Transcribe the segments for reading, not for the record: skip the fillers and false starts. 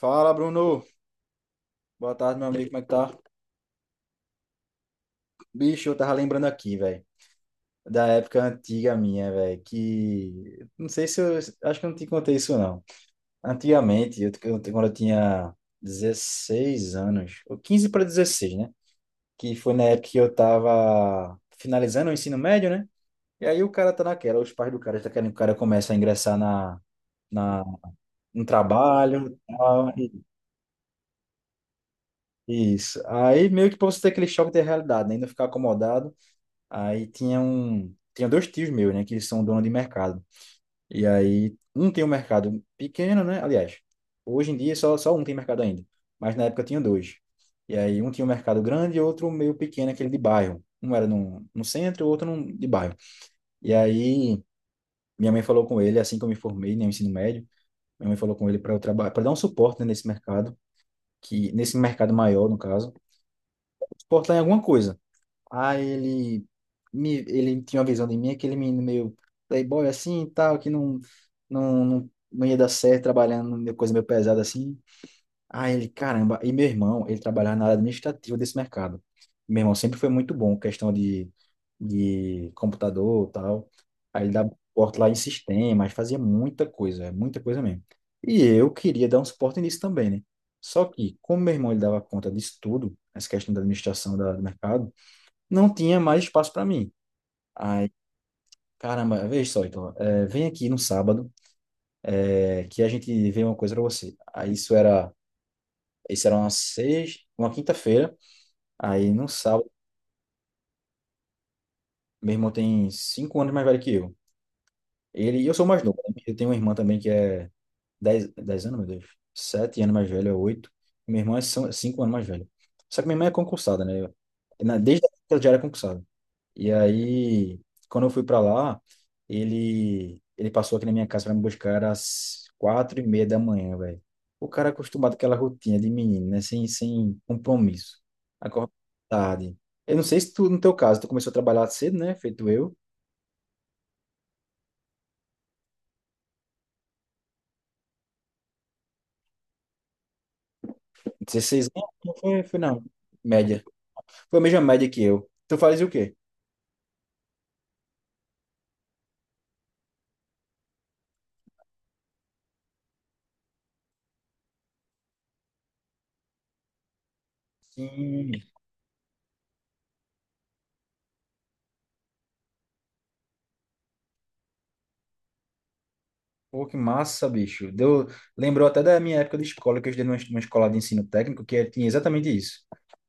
Fala, Bruno. Boa tarde, meu amigo. Como é que tá? Bicho, eu tava lembrando aqui, velho, da época antiga minha, velho, que não sei se eu acho que eu não te contei isso não. Antigamente, quando eu tinha 16 anos, ou 15 para 16, né? Que foi na época que eu tava finalizando o ensino médio, né? E aí o cara tá naquela, os pais do cara tá querendo que o cara comece a ingressar na na no trabalho, tal, isso. Aí meio que pra você ter aquele choque de realidade, né? E não ficar acomodado. Aí tinha um, tinha dois tios meus, né, que eles são donos de mercado. E aí um tem um mercado pequeno, né? Aliás, hoje em dia só um tem mercado ainda, mas na época tinha dois. E aí um tinha um mercado grande e outro meio pequeno, aquele de bairro. Um era no centro, o outro no, de bairro. E aí minha mãe falou com ele assim que eu me formei, né, no ensino médio. Minha mãe falou com ele para eu trabalhar, para dar um suporte, né, nesse mercado, que nesse mercado maior, no caso, suporte lá em alguma coisa. Aí ele tinha uma visão de mim, aquele menino meio playboy assim e tal, que não, não, não, não ia dar certo trabalhando numa coisa meio pesada assim. Aí ele, caramba, e meu irmão, ele trabalhava na área administrativa desse mercado. Meu irmão sempre foi muito bom, questão de computador e tal. Aí ele dava suporte lá em sistemas, fazia muita coisa, é muita coisa mesmo. E eu queria dar um suporte nisso também, né? Só que, como meu irmão ele dava conta disso tudo, essa questão da administração do mercado, não tinha mais espaço para mim. Aí, caramba, veja só, então, vem aqui no sábado, que a gente vê uma coisa para você. Aí isso era uma seis, uma quinta-feira. Aí no sábado, meu irmão tem 5 anos mais velho que eu. Ele, e eu sou mais novo, né? Eu tenho uma irmã também que é 10, 10 anos, meu Deus, 7 anos mais velha, 8. Meu irmão é 5 anos mais velho. Só que minha irmã é concursada, né? Desde que ela já era concursada. E aí, quando eu fui para lá, ele passou aqui na minha casa para me buscar às 4h30 da manhã, velho. O cara é acostumado com aquela rotina de menino, né? Sem compromisso. Acorda tarde. Eu não sei se tu, no teu caso, tu começou a trabalhar cedo, né? Feito eu. 16 anos, não foi, foi não. Média. Foi a mesma média que eu. Tu fazes o quê? Sim. Pô, que massa, bicho. Deu... Lembrou até da minha época de escola, que eu estudei numa escola de ensino técnico, que tinha exatamente isso.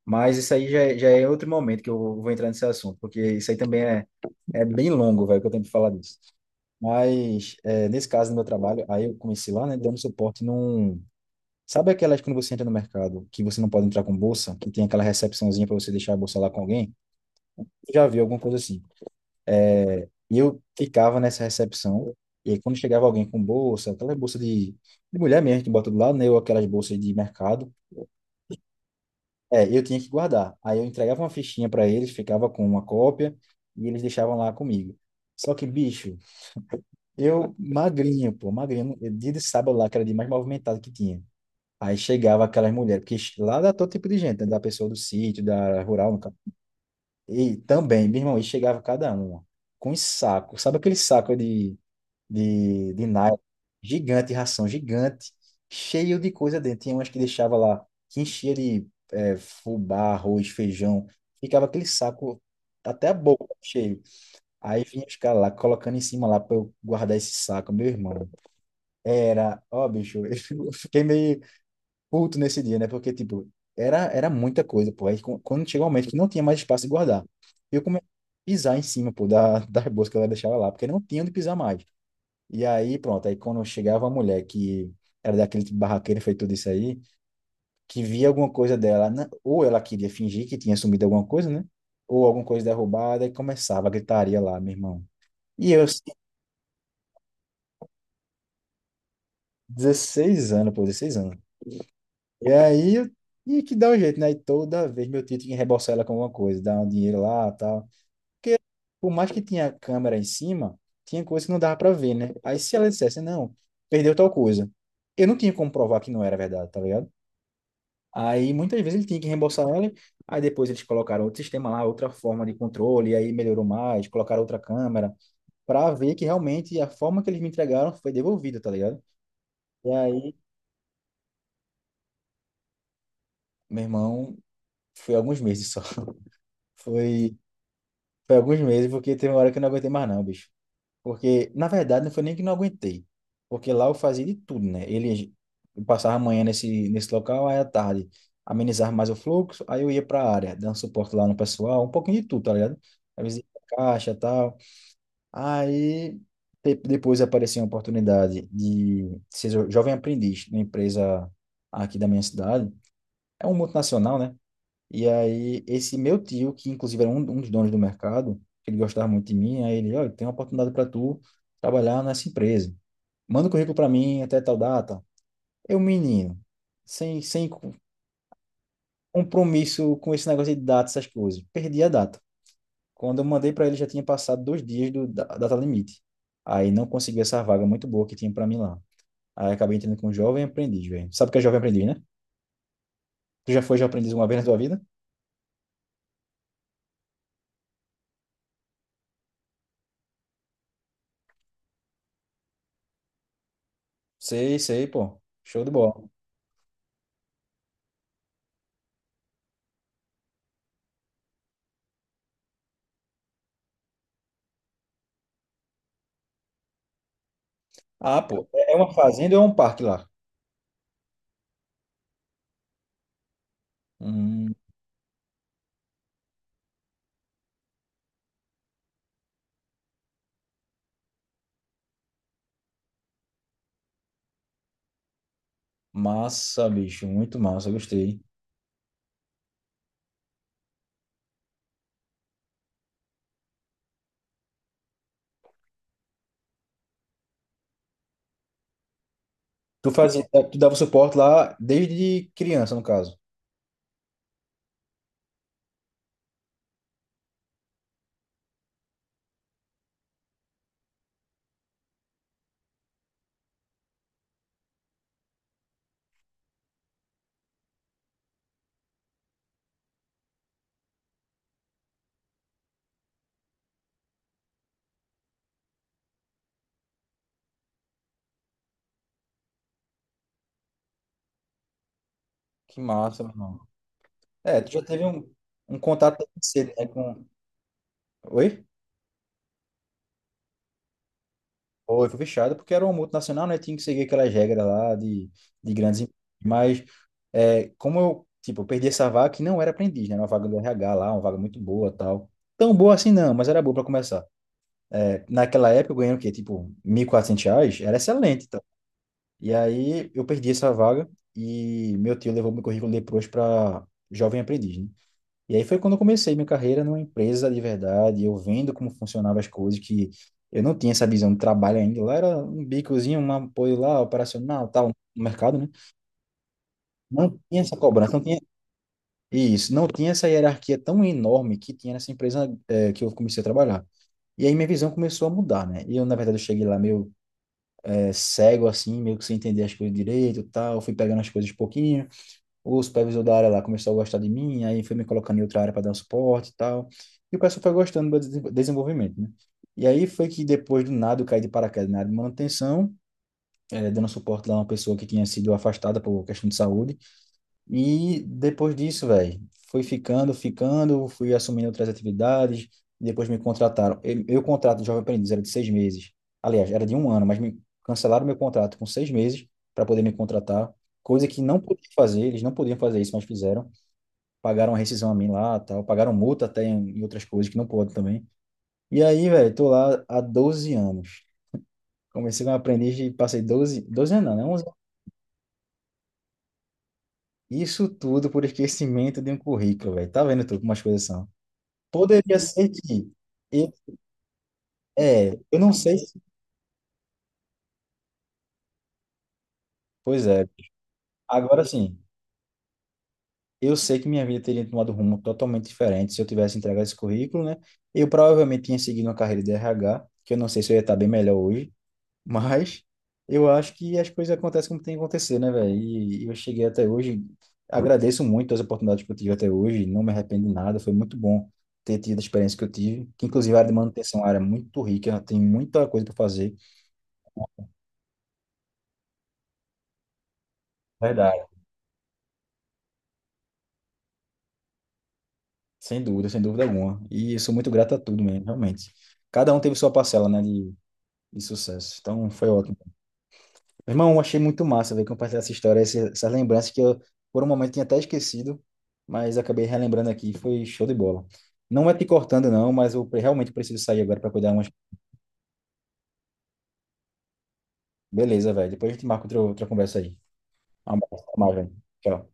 Mas isso aí já, já é outro momento que eu vou entrar nesse assunto, porque isso aí também é bem longo, velho, que eu tenho que falar disso. Mas, nesse caso do meu trabalho, aí eu comecei lá, né, dando suporte num... Sabe aquelas quando você entra no mercado, que você não pode entrar com bolsa, que tem aquela recepçãozinha para você deixar a bolsa lá com alguém? Já viu alguma coisa assim? E eu ficava nessa recepção, e aí quando chegava alguém com bolsa, aquela bolsa de, mulher mesmo que bota do lado, né, ou aquelas bolsas de mercado, eu tinha que guardar. Aí eu entregava uma fichinha para eles, ficava com uma cópia, e eles deixavam lá comigo. Só que, bicho, eu magrinho, pô, magrinho, dia de sábado lá, que era o dia mais movimentado que tinha. Aí chegava aquelas mulheres, porque lá dá todo tipo de gente, né, da pessoa do sítio, da rural, no E também, meu irmão, e chegava cada uma com um saco. Sabe aquele saco de, de nylon gigante, ração gigante, cheio de coisa dentro. Tinha umas que deixava lá, que enchia de fubá, arroz, feijão. Ficava aquele saco até a boca cheio. Aí vinha os caras lá, colocando em cima lá para eu guardar esse saco, meu irmão. Era, ó, bicho, eu fiquei meio puto nesse dia, né? Porque, tipo, era muita coisa, pô. Aí quando chegou um momento que não tinha mais espaço de guardar, eu comecei a pisar em cima, pô, da, das bolsas que ela deixava lá, porque não tinha onde pisar mais. E aí, pronto, aí quando chegava a mulher que era daquele tipo barraqueiro, feito tudo isso aí, que via alguma coisa dela, né? Ou ela queria fingir que tinha sumido alguma coisa, né? Ou alguma coisa derrubada, e começava a gritaria lá, meu irmão. E eu, assim, 16 anos, pô, 16 anos. E aí, eu tinha que dar um jeito, né? E toda vez meu tio tinha que reembolsar ela com alguma coisa, dar um dinheiro lá e tal. Porque, por mais que tinha câmera em cima, tinha coisa que não dava pra ver, né? Aí, se ela dissesse, não, perdeu tal coisa, eu não tinha como provar que não era verdade, tá ligado? Aí, muitas vezes ele tinha que reembolsar ela, aí depois eles colocaram outro sistema lá, outra forma de controle, aí melhorou mais, colocaram outra câmera, pra ver que realmente a forma que eles me entregaram foi devolvida, tá ligado? E aí, meu irmão, foi alguns meses só. Foi. Foi alguns meses, porque teve uma hora que eu não aguentei mais não, bicho. Porque, na verdade, não foi nem que não aguentei. Porque lá eu fazia de tudo, né? Ele eu passava a manhã nesse local, aí à tarde amenizava mais o fluxo, aí eu ia pra área, dando suporte lá no pessoal, um pouquinho de tudo, tá ligado? Às vezes ia pra caixa e tal. Aí depois apareceu a oportunidade de ser jovem aprendiz na empresa aqui da minha cidade. É um multinacional, né? E aí, esse meu tio, que inclusive era um dos donos do mercado, ele gostava muito de mim, aí ele, olha, tem uma oportunidade para tu trabalhar nessa empresa. Manda o currículo para mim até tal data. Eu, menino, sem compromisso com esse negócio de data, essas coisas, perdi a data. Quando eu mandei para ele, já tinha passado 2 dias do, da da data limite. Aí não consegui essa vaga muito boa que tinha para mim lá. Aí acabei entrando com um jovem aprendiz, velho. Sabe o que é jovem aprendiz, né? Tu já foi jovem aprendiz uma vez na tua vida? Sei, sei, pô. Show de bola. Ah, pô, é uma fazenda ou é um parque lá? Hum, massa, bicho, muito massa, gostei. Tu fazia, tu dava suporte lá desde criança, no caso. Que massa, meu irmão. É, tu já teve um contato desde cedo, né, com... Oi? Foi, foi fechado, porque era uma multinacional, né, tinha que seguir aquelas regras lá de, grandes empresas. Mas, como eu, tipo, eu perdi essa vaga que não era aprendiz, né, era uma vaga do RH lá, uma vaga muito boa, tal. Tão boa assim não, mas era boa para começar. Naquela época eu ganhei o quê? Tipo, R$ 1.400? Era excelente, tá? E aí eu perdi essa vaga e meu tio levou meu currículo depois para jovem aprendiz, né? E aí foi quando eu comecei minha carreira numa empresa de verdade, eu vendo como funcionavam as coisas, que eu não tinha essa visão de trabalho ainda. Lá era um bicozinho, um apoio lá, operacional, tal, no mercado, né? Não tinha essa cobrança, não tinha isso, não tinha essa hierarquia tão enorme que tinha nessa empresa, que eu comecei a trabalhar. E aí minha visão começou a mudar, né? E eu, na verdade, eu cheguei lá meio cego, assim, meio que sem entender as coisas direito e tal. Fui pegando as coisas de pouquinho. O supervisor da área lá começou a gostar de mim, aí foi me colocando em outra área para dar um suporte e tal. E o pessoal foi gostando do meu desenvolvimento, né? E aí foi que depois do nada eu caí de paraquedas na área de manutenção, dando suporte lá a uma pessoa que tinha sido afastada por questão de saúde. E depois disso, velho, fui ficando, ficando, fui assumindo outras atividades, e depois me contrataram. Eu contrato de jovem aprendiz era de 6 meses. Aliás, era de 1 ano, mas me cancelaram meu contrato com 6 meses para poder me contratar, coisa que não podia fazer, eles não podiam fazer isso, mas fizeram. Pagaram a rescisão a mim lá, tal, pagaram multa até em outras coisas que não pode também. E aí, velho, tô lá há 12 anos. Comecei como aprendiz e passei 12, 12 anos, não, né? 11. Isso tudo por esquecimento de um currículo, velho. Tá vendo tu como as coisas são? Poderia ser que. e- É, eu não sei se. Pois é. Agora sim, eu sei que minha vida teria tomado um rumo totalmente diferente se eu tivesse entregado esse currículo, né? Eu provavelmente tinha seguido uma carreira de RH, que eu não sei se eu ia estar bem melhor hoje, mas eu acho que as coisas acontecem como tem que acontecer, né, velho? E eu cheguei até hoje, agradeço muito as oportunidades que eu tive até hoje, não me arrependo de nada, foi muito bom ter tido a experiência que eu tive, que inclusive a área de manutenção é uma área muito rica, tem muita coisa para fazer. Verdade. Sem dúvida, sem dúvida alguma. E eu sou muito grato a tudo mesmo, realmente. Cada um teve sua parcela, né, de, sucesso. Então, foi ótimo. Meu irmão, eu achei muito massa, velho, compartilhar essa história, essas lembranças que eu, por um momento, tinha até esquecido, mas acabei relembrando aqui. Foi show de bola. Não é te cortando, não, mas eu realmente preciso sair agora para cuidar umas... Beleza, velho. Depois a gente marca outra conversa aí. Um abraço, até mais, velho. Tchau.